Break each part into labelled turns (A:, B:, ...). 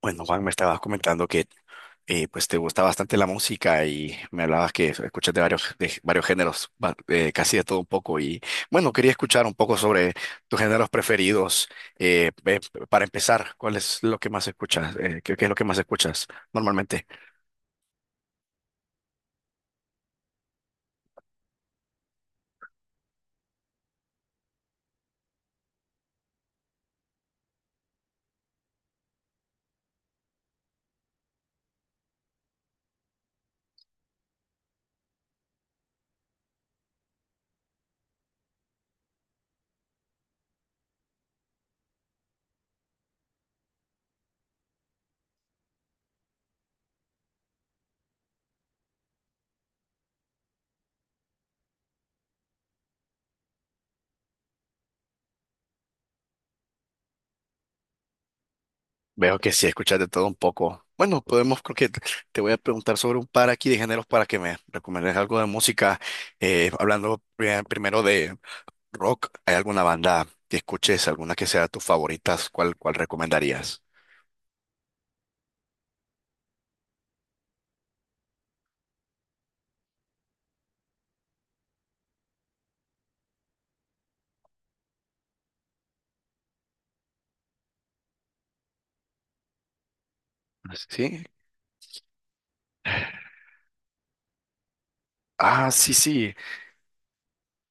A: Bueno, Juan, me estabas comentando que pues te gusta bastante la música y me hablabas que escuchas de varios géneros, casi de todo un poco. Y bueno, quería escuchar un poco sobre tus géneros preferidos. eh, eh, para empezar, ¿cuál es lo que más escuchas? Qué es lo que más escuchas normalmente? Veo que sí escuchas de todo un poco. Bueno, podemos, creo que te voy a preguntar sobre un par aquí de géneros para que me recomiendes algo de música, hablando primero rock, ¿hay alguna banda que escuches, alguna que sea tus favoritas? ¿Cuál, cuál recomendarías? Sí. Ah, sí, sí.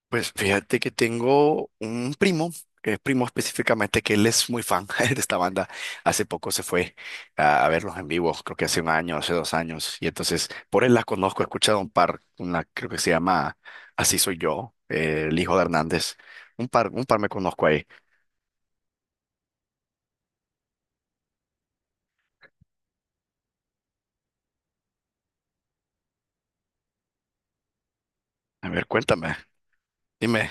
A: Pues fíjate que tengo un primo, que es primo específicamente, que él es muy fan de esta banda. Hace poco se fue a verlos en vivo, creo que hace un año, hace dos años. Y entonces, por él la conozco, he escuchado un par, una creo que se llama Así Soy Yo, el hijo de Hernández. Un par me conozco ahí. A ver, cuéntame, dime,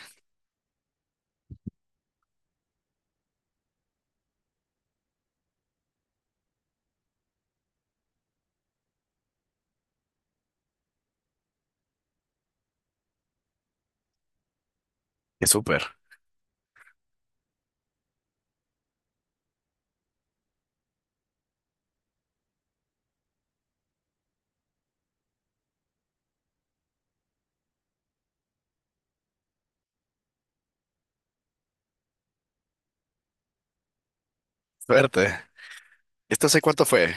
A: qué súper. Suerte. ¿Esto hace cuánto fue?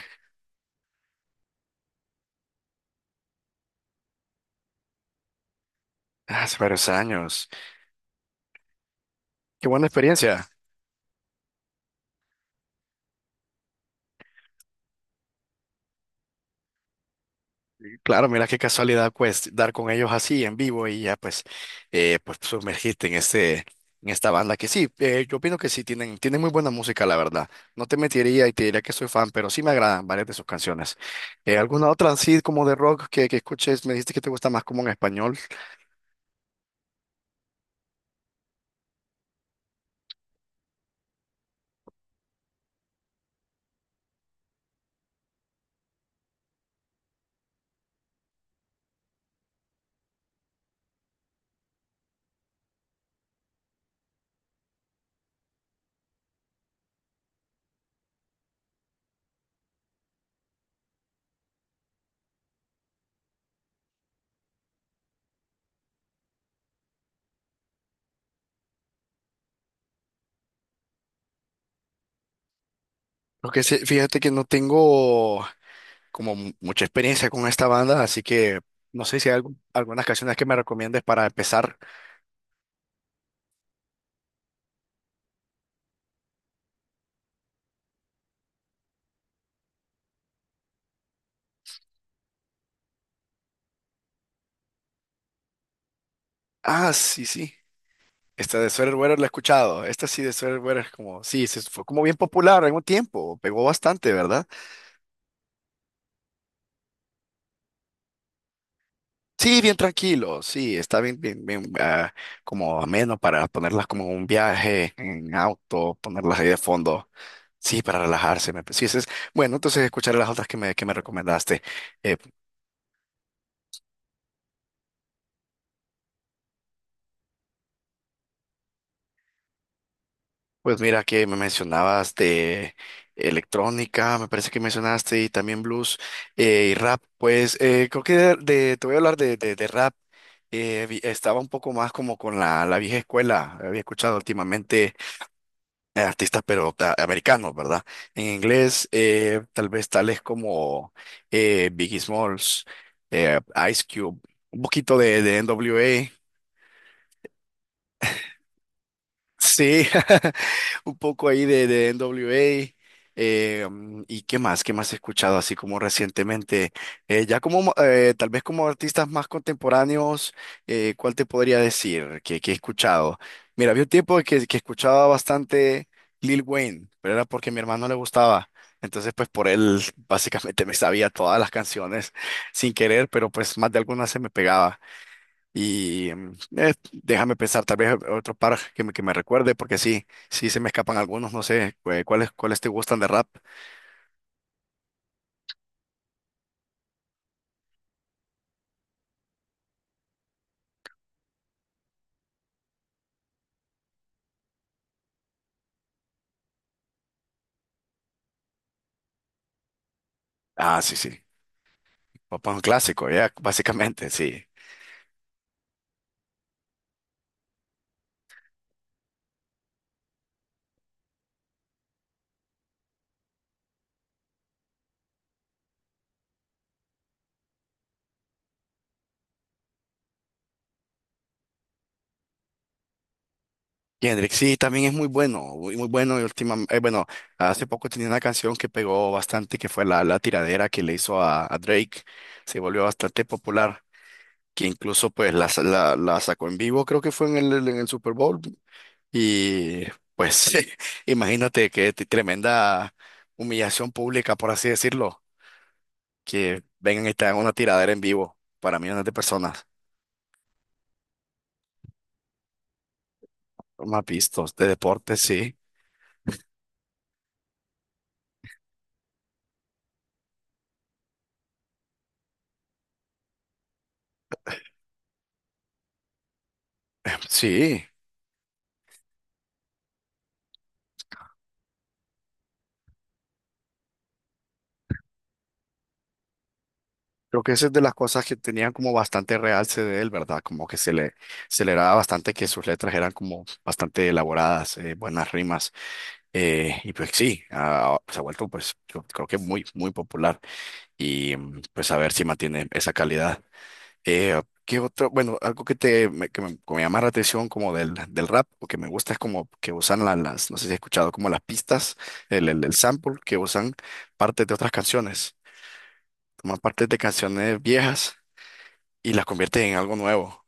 A: Hace varios años. Qué buena experiencia. Claro, mira qué casualidad, pues, dar con ellos así en vivo y ya, pues, pues sumergirte en esta banda que sí, yo opino que sí tienen, tienen muy buena música, la verdad. No te mentiría y te diría que soy fan, pero sí me agradan varias de sus canciones. ¿Alguna otra así como de rock que escuches? Me dijiste que te gusta más como en español. Porque sí, fíjate que no tengo como mucha experiencia con esta banda, así que no sé si hay algunas canciones que me recomiendes para empezar. Ah, sí, sí. Esta de Sweater Weather la he escuchado. Esta sí de Sweater Weather es como, sí, se fue como bien popular en un tiempo, pegó bastante, ¿verdad? Sí, bien tranquilo, sí, está bien, ah, como ameno para ponerlas como en un viaje en auto, ponerlas ahí de fondo. Sí, para relajarse. Sí, ese es, bueno, entonces escucharé las otras que me recomendaste. Eh, Pues mira que me mencionabas de electrónica, me parece que mencionaste y también blues y rap. Pues creo que te voy a hablar de, de rap. Estaba un poco más como con la vieja escuela. Había escuchado últimamente artistas, pero americanos, ¿verdad? En inglés, tal vez tales como Biggie Smalls, eh, Ice Cube, un poquito de NWA. Sí, un poco ahí de NWA. ¿Y qué más? ¿Qué más he escuchado así como recientemente? Tal vez como artistas más contemporáneos, ¿cuál te podría decir que he escuchado? Mira, había un tiempo que escuchaba bastante Lil Wayne, pero era porque a mi hermano le gustaba. Entonces, pues por él básicamente me sabía todas las canciones sin querer, pero pues más de algunas se me pegaba. Y déjame pensar, tal vez otro par que me recuerde, porque sí, sí se me escapan algunos, no sé, ¿cuáles, cuáles te gustan de rap? Ah, sí, sí, papá un clásico, ya, básicamente, sí. Kendrick, sí, también es muy bueno, muy, muy bueno, y última, bueno, hace poco tenía una canción que pegó bastante, que fue la tiradera que le hizo a Drake, se volvió bastante popular, que incluso pues la sacó en vivo, creo que fue en el Super Bowl, y pues imagínate que tremenda humillación pública, por así decirlo, que vengan y te hagan una tiradera en vivo para millones de personas. Más vistos de deporte, sí. Sí, creo que esa es de las cosas que tenían como bastante realce de él, ¿verdad? Como que se le daba bastante que sus letras eran como bastante elaboradas, buenas rimas. Y pues sí, ah, se ha vuelto pues yo creo que muy, muy popular y pues a ver si mantiene esa calidad. ¿Qué otro? Bueno, algo que te me, que me, que me llama la atención como del, del rap o que me gusta es como que usan las, no sé si has escuchado como las pistas, el sample, que usan partes de otras canciones, toman partes de canciones viejas y las convierten en algo nuevo.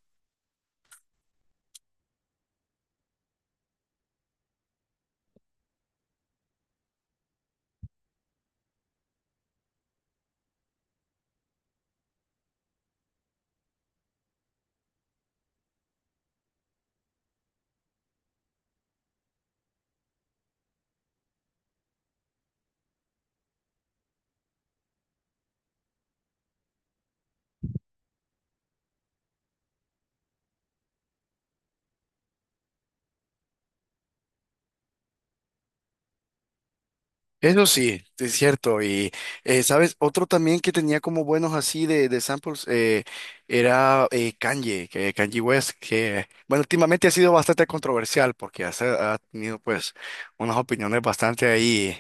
A: Eso sí, es cierto. Y, ¿sabes? Otro también que tenía como buenos así de samples era Kanye, que Kanye West, que, bueno, últimamente ha sido bastante controversial porque ha tenido pues unas opiniones bastante ahí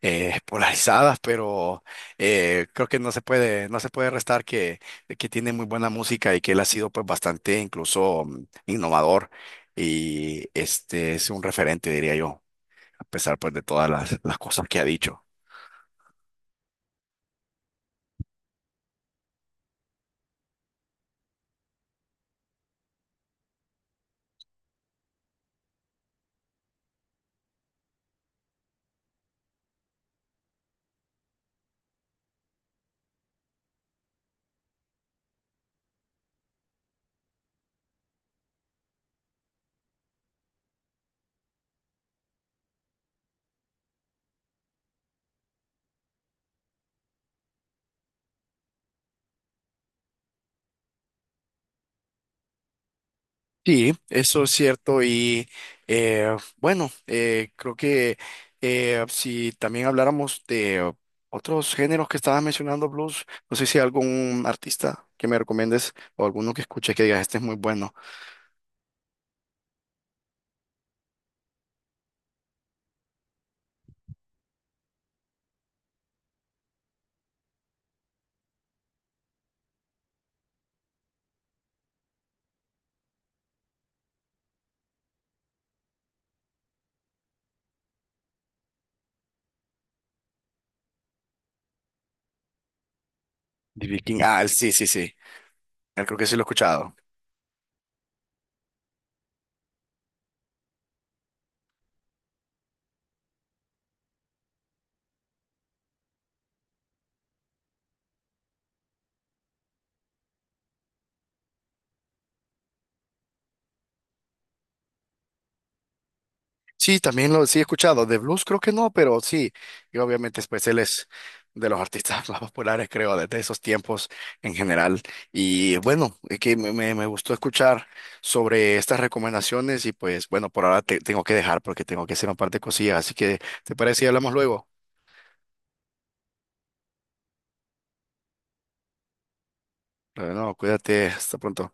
A: polarizadas, pero creo que no se puede restar que tiene muy buena música y que él ha sido pues bastante incluso innovador y este es un referente, diría yo a pesar pues de las cosas que ha dicho. Sí, eso es cierto y bueno, creo que si también habláramos de otros géneros que estabas mencionando, blues, no sé si hay algún artista que me recomiendes o alguno que escuche que digas, este es muy bueno. B.B. King, ah, sí, sí, sí. Creo que sí lo he escuchado. Sí, también lo sí he escuchado. De blues creo que no, pero sí. Y obviamente pues él es de los artistas más populares, creo, desde esos tiempos en general. Y bueno, es que me gustó escuchar sobre estas recomendaciones y pues bueno, por ahora te tengo que dejar porque tengo que hacer un par de cosillas. Así que, ¿te parece si hablamos luego? Bueno, cuídate, hasta pronto.